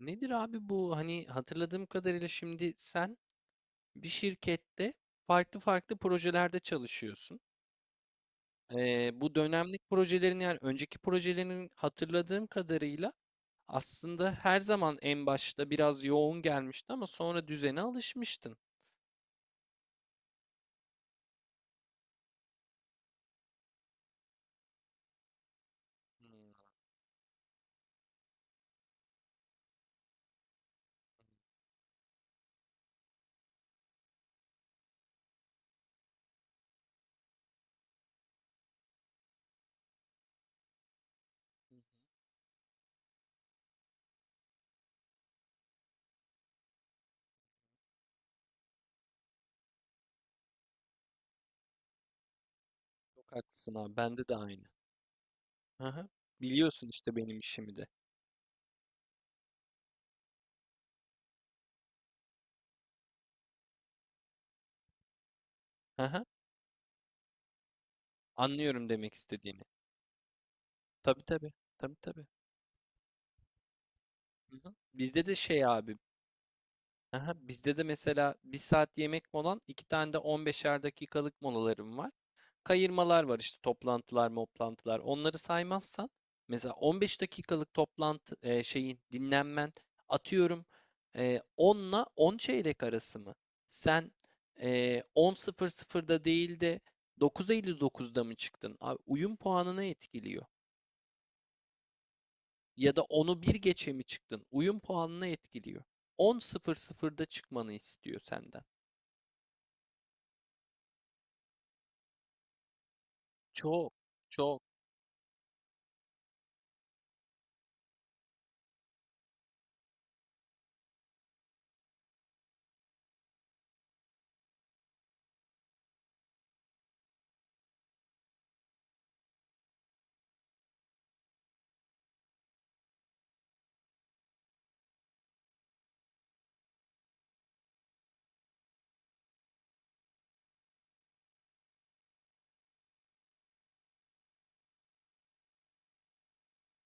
Nedir abi bu? Hani hatırladığım kadarıyla şimdi sen bir şirkette farklı farklı projelerde çalışıyorsun. Bu dönemlik projelerin, yani önceki projelerin hatırladığım kadarıyla aslında her zaman en başta biraz yoğun gelmişti ama sonra düzene alışmıştın. Hmm, çok haklısın abi. Bende de aynı. Aha. Biliyorsun işte benim işimi de. Aha. Anlıyorum demek istediğini. Tabii, tabii. Tabii, tabii. Hı hı. Bizde de şey abi. Aha, bizde de mesela bir saat yemek molan, iki tane de 15'er dakikalık molalarım var. Kayırmalar var işte, toplantılar, moplantılar. Onları saymazsan mesela 15 dakikalık toplantı, şeyin dinlenmen, atıyorum, 10'la 10 çeyrek arası mı? Sen, e, 10.00'da değil de 9.59'da mı çıktın? Abi, uyum puanını etkiliyor. Ya da onu bir geçe mi çıktın? Uyum puanını etkiliyor. 10.00'da çıkmanı istiyor senden. Çok, çok.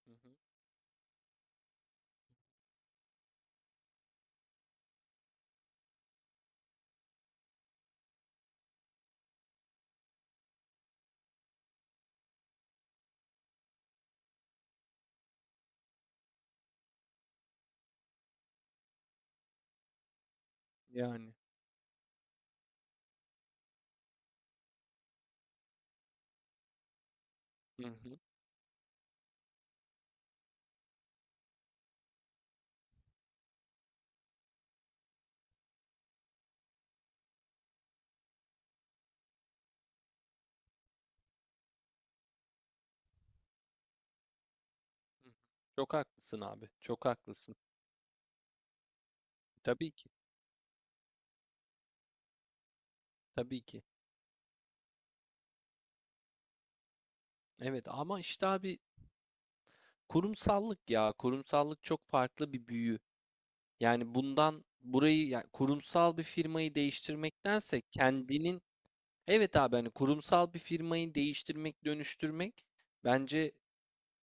Hı hı. Yani. Hı hı. Hı hı. Çok haklısın abi. Çok haklısın. Tabii ki. Tabii ki. Evet ama işte abi, kurumsallık ya. Kurumsallık çok farklı bir büyü. Yani bundan burayı, yani kurumsal bir firmayı değiştirmektense kendinin evet abi, hani kurumsal bir firmayı değiştirmek, dönüştürmek bence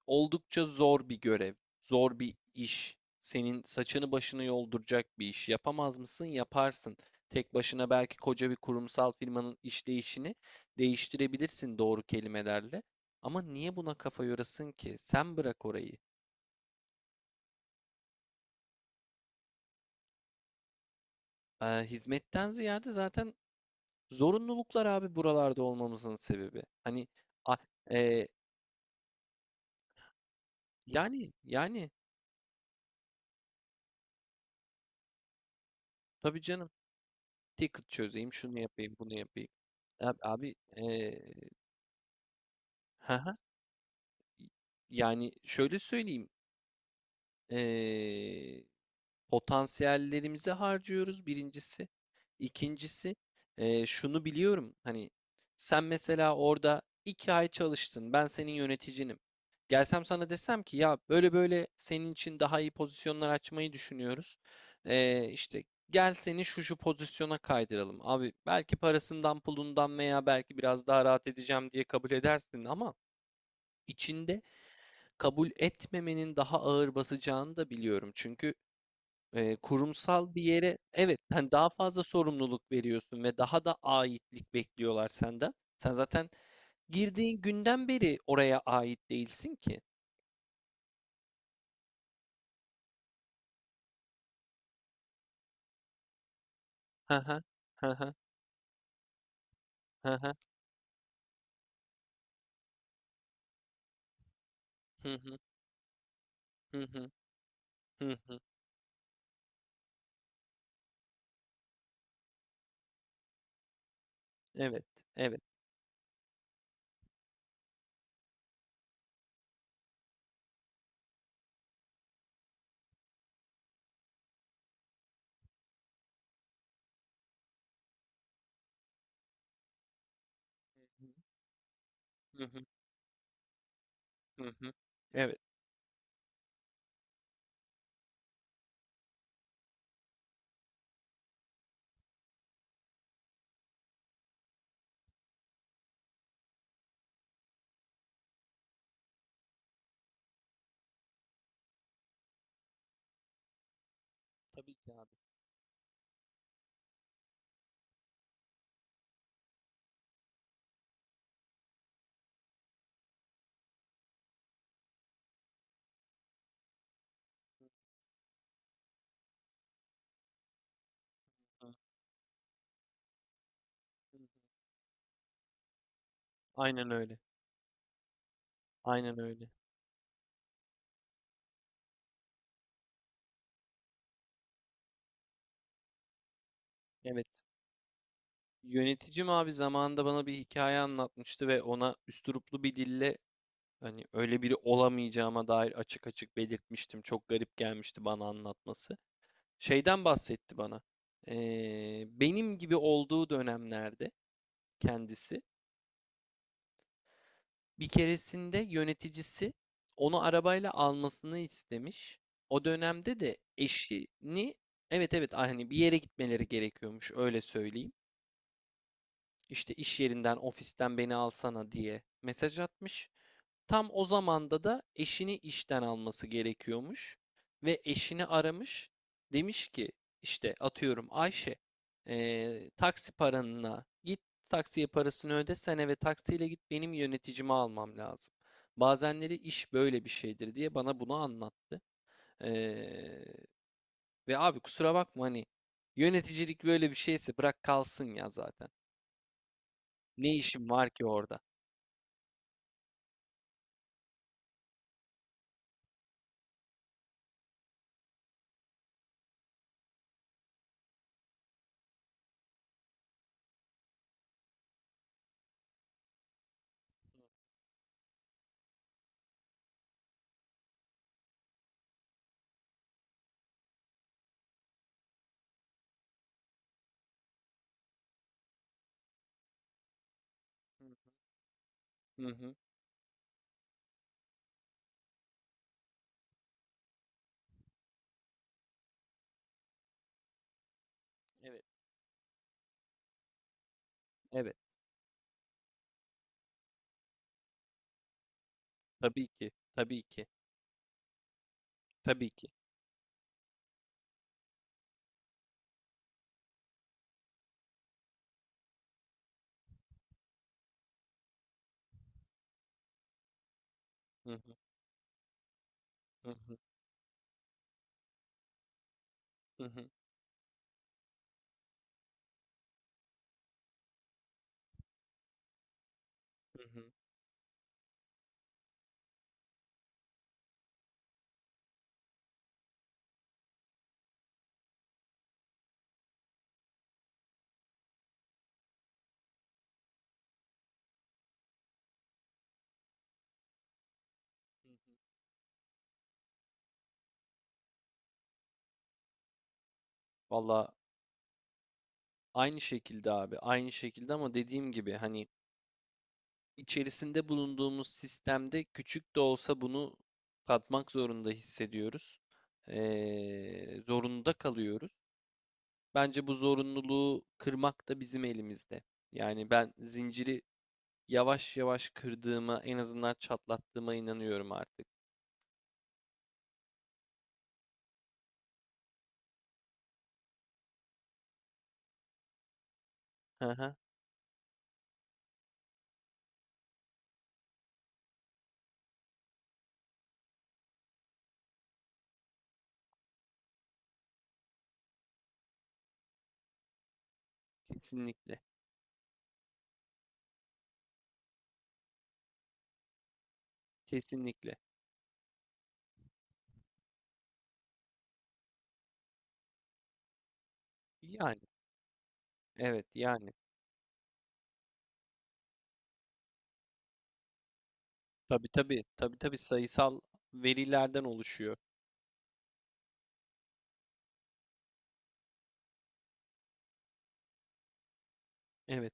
oldukça zor bir görev, zor bir iş. Senin saçını başını yolduracak bir iş. Yapamaz mısın? Yaparsın. Tek başına belki koca bir kurumsal firmanın işleyişini değiştirebilirsin, doğru kelimelerle. Ama niye buna kafa yorasın ki? Sen bırak orayı. Hizmetten ziyade zaten zorunluluklar abi buralarda olmamızın sebebi. Hani a- e, yani tabii canım, ticket çözeyim, şunu yapayım, bunu yapayım. Abi, yani şöyle söyleyeyim, eee, potansiyellerimizi harcıyoruz birincisi. İkincisi, şunu biliyorum hani, sen mesela orada iki ay çalıştın, ben senin yöneticinim. Gelsem sana desem ki ya böyle böyle senin için daha iyi pozisyonlar açmayı düşünüyoruz. İşte gel seni şu şu pozisyona kaydıralım. Abi, belki parasından pulundan veya belki biraz daha rahat edeceğim diye kabul edersin ama içinde kabul etmemenin daha ağır basacağını da biliyorum. Çünkü kurumsal bir yere, evet, hani, daha fazla sorumluluk veriyorsun ve daha da aitlik bekliyorlar senden. Sen zaten girdiğin günden beri oraya ait değilsin ki. Hı hı hı hı hı hı hı hı hı hı hı hı. Evet, evet. Hı hı hı hı. Hı. Evet. Tabii ki abi. Hı hı. Aynen öyle. Aynen öyle. Evet. Yöneticim abi zamanında bana bir hikaye anlatmıştı ve ona üsturuplu bir dille hani öyle biri olamayacağıma dair açık açık belirtmiştim. Çok garip gelmişti bana anlatması. Şeyden bahsetti bana. Benim gibi olduğu dönemlerde kendisi, bir keresinde yöneticisi onu arabayla almasını istemiş. O dönemde de eşini, evet evet, hani bir yere gitmeleri gerekiyormuş, öyle söyleyeyim. İşte iş yerinden, ofisten beni alsana diye mesaj atmış. Tam o zamanda da eşini işten alması gerekiyormuş ve eşini aramış. Demiş ki işte, atıyorum, Ayşe, taksi paranına git, taksiye parasını öde, sen eve taksiyle git, benim yöneticimi almam lazım. Bazenleri iş böyle bir şeydir diye bana bunu anlattı. Eee, ve abi, kusura bakma hani, yöneticilik böyle bir şeyse bırak kalsın ya zaten. Ne işim var ki orada? Hı hı. Hı hı. Evet. Evet. Tabii ki. Tabii ki. Tabii ki. Hı hı. Hı hı. Hı hı. Hı hı. Valla, aynı şekilde abi. Aynı şekilde ama dediğim gibi hani, içerisinde bulunduğumuz sistemde küçük de olsa bunu katmak zorunda hissediyoruz. Zorunda kalıyoruz. Bence bu zorunluluğu kırmak da bizim elimizde. Yani ben zinciri yavaş yavaş kırdığıma, en azından çatlattığıma inanıyorum artık. Hı hı. Kesinlikle. Kesinlikle. Yani, evet, yani. Tabii, tabii. Tabii, tabii, sayısal verilerden oluşuyor. Evet,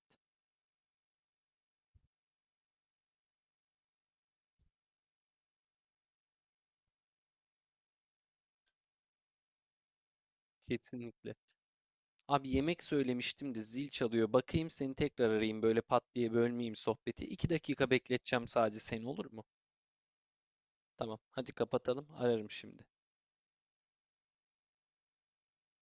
kesinlikle. Abi, yemek söylemiştim de zil çalıyor. Bakayım, seni tekrar arayayım, böyle pat diye bölmeyeyim sohbeti. İki dakika bekleteceğim sadece seni, olur mu? Tamam, hadi kapatalım. Ararım şimdi.